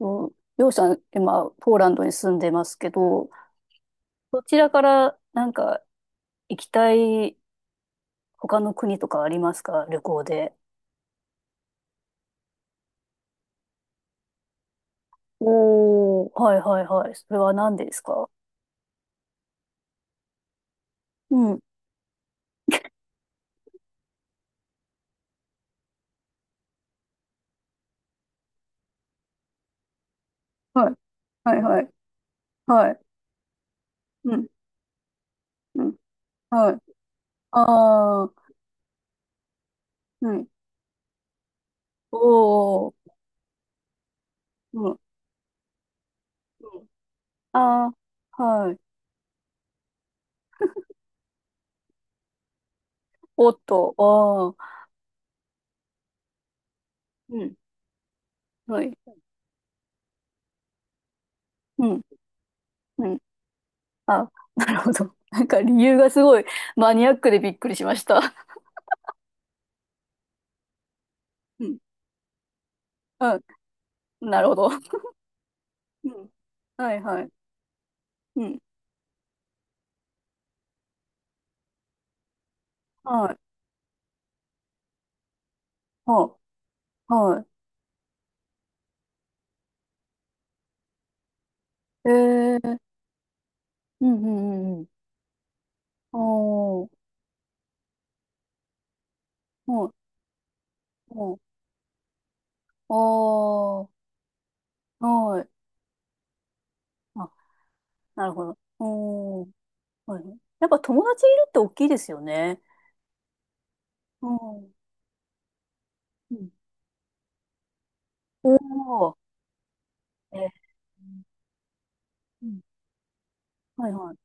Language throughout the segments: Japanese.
うん、りょうさん、今、ポーランドに住んでますけど、そちらからなんか行きたい他の国とかありますか旅行で。おー、はいはいはい。それは何ですか。うん。はい、はい、はい、はい、うん、うん、はい、あー、はい、おー、うん、うんあー、はい、おっと、ああ、うん、はい、うん、うん、あ、なるほど。なんか理由がすごいマニアックでびっくりしました。うん、なるほど。うん。はいはい。うん。はい。はあ、はい。ええー、うんうんうんうん。おー、はい、おー、おー、はい。あ、なるほど。おー、はいはい。やっぱ友達いるって大きいですよね。うん。うん。おー、えー、うん。はいはい。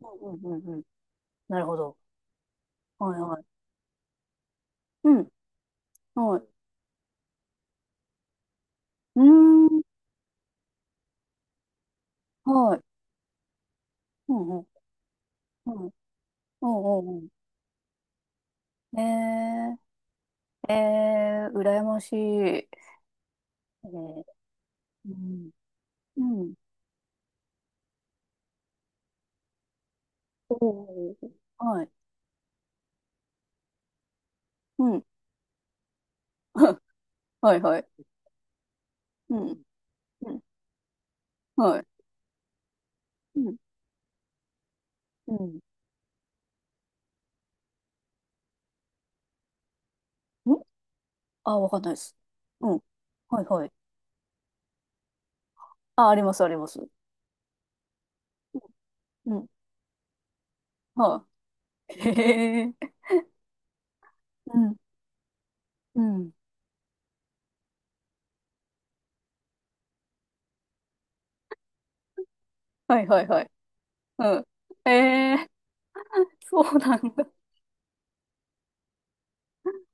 うんうんうんうん。なるほど。はいはい。うん。はい。うーん。はい。うんうん。うん。うんうんうん。えー。えー、羨ましい。えー、うん。うん。おーはい。うん。はいはい。うん。うん。はい。うん。うん。ん、あ、わかんないです。うん。はいはい。あ、ありますあります。うん。はい。へえ。うん。うん。はいはいはい。うん。えー、そうなんだ。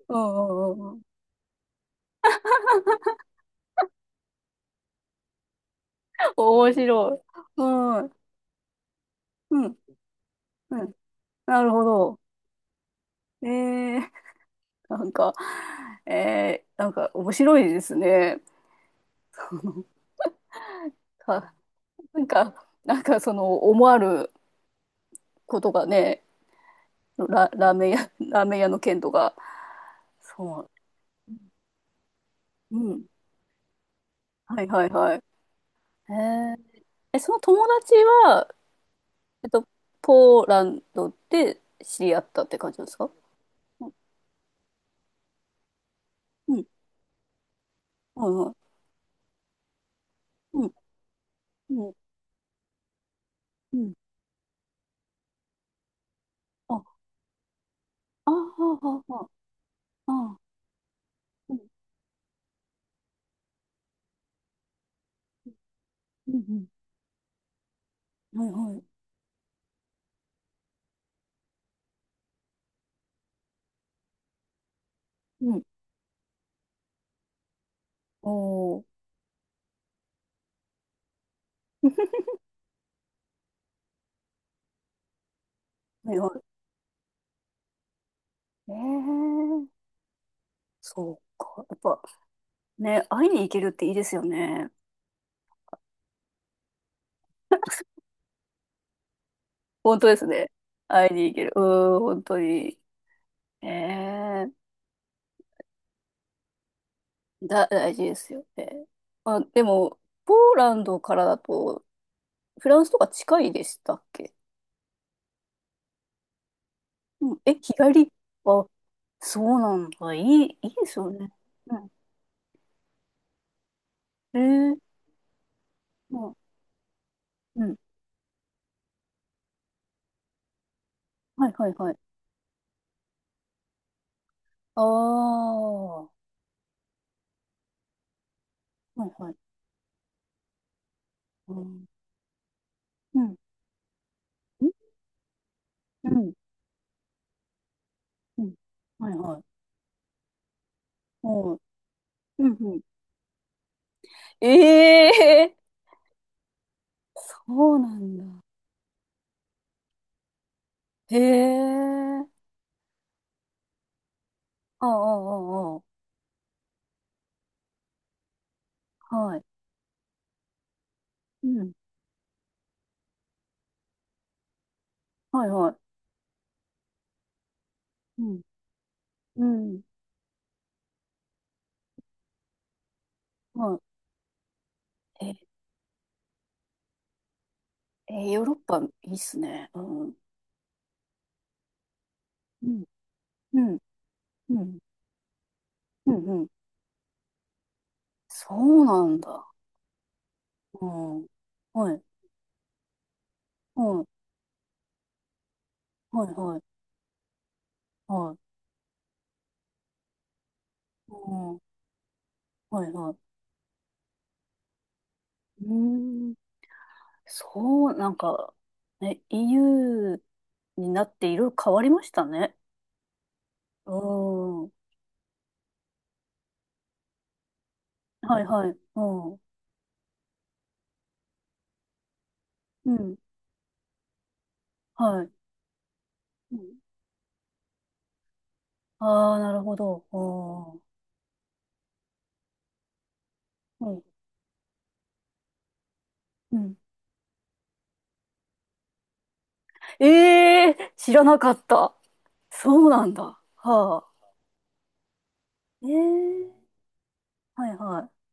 うんうんうんうん。面白い。うん。うん。うん。なるほど。えー。なんか、なんか面白いですね。あ、なんか、その思わぬことがね、ラーメン屋の件とか、そう、うん、はいはいはい。えー、え、その友達は、えっと、ポーランドで知り合ったって感じですか。うん、うん、はいはいうん、うん、うん。あ、ああ、ああ、ああ、うん、うん、うん、はいはい。うん、おー。はいはいええそうか。やっぱね、会いに行けるっていいですよね。本当ですね。会いに行ける。うーん、本当に。ええ、大事ですよね。あ、でも、ポーランドからだと、フランスとか近いでしたっけ。うん、え、日帰り、あ、そうなんだ。いいですよね。うん。ええうん、うん。はいはいはい。ああ、はいはい。うん、うん、うん、うん。はいはい。うんうんうん。ええーそうなんだ。へえ。ああ、ああ、ああ。はい。うん。はい、はい。うん。うん。はい。ヨーロッパいいっすね。うん。うん。うん。うん。うん。うんそうなんだ。うん。はい。はい。はい。はい。はい。うん。はい。はい。うん。そう、なんか、ね、EU になっていろいろ変わりましたね。うん。はい。はい。うん。うん。はい。うん。ああ、なるほど。ああ。うん。うん。ええ知らなかった。そうなんだ。はあ。ええはいはい。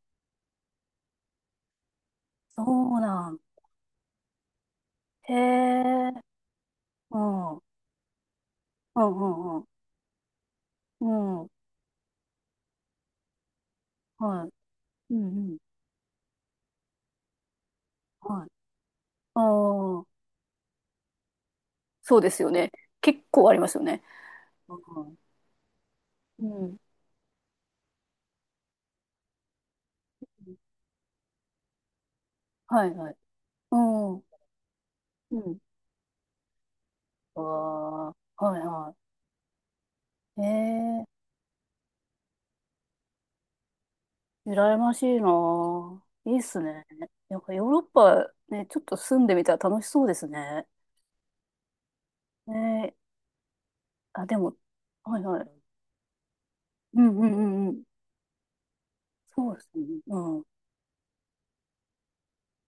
そうなん。へえ。うん。うんうんうん。うん。はい。うんうん。はい。ああ、そうですよね。結構ありますよね。うん。うんはいはい。うん。うん。ああ、はいはい。ええ羨ましいなぁ。いいっすね。なんかヨーロッパね、ちょっと住んでみたら楽しそうですね。ねえ、あ、でも、はいはい。うんうんうんうん。そうですね。うん。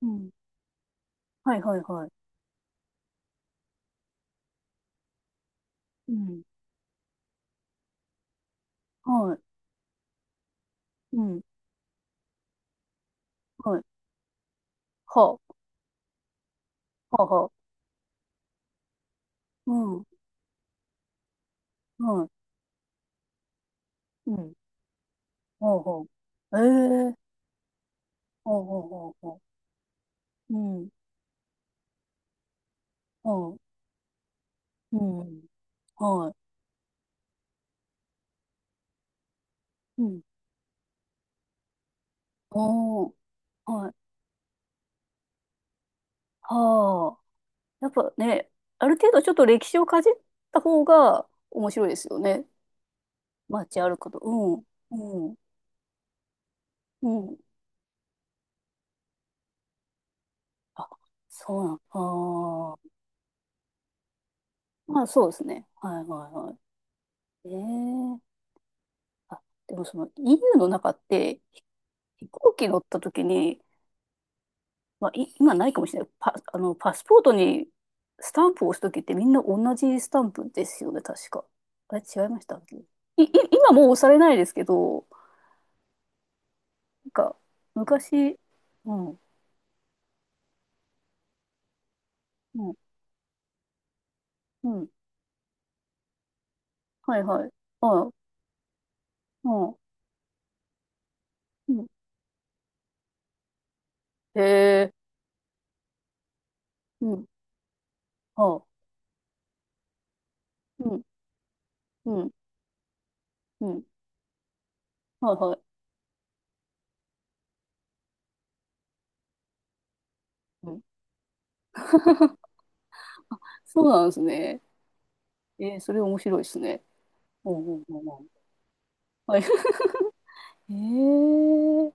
うん。はいはいはい。うん。はい。うん。はい。はあ、はあ、はあ。うん。はい。うん。はあ、はあ。ええはあ、はあ、はあ、はあ。うん。はあ。うん。はい。うん。おー。はい。はあ。やっぱね、ある程度ちょっと歴史をかじった方が面白いですよね。街歩くこと。うん。うん。うん。あ、そうなん。ああ。まあそうですね。はいはいはい。ええあ、でもその EU の中って飛行機乗った時に、まあい今ないかもしれない。パ、あの、パスポートにスタンプを押す時ってみんな同じスタンプですよね、確か。あれ違いましたっけ。今もう押されないですけど、なんか昔、うん。うんうん。はいはい。ああ、ああ、うん。へえ、うん。ああ、うん、うん、うん。はいはい。うん。そうなんですね。えー、それ面白いですね。うん、うん、うん。うんはい。へえ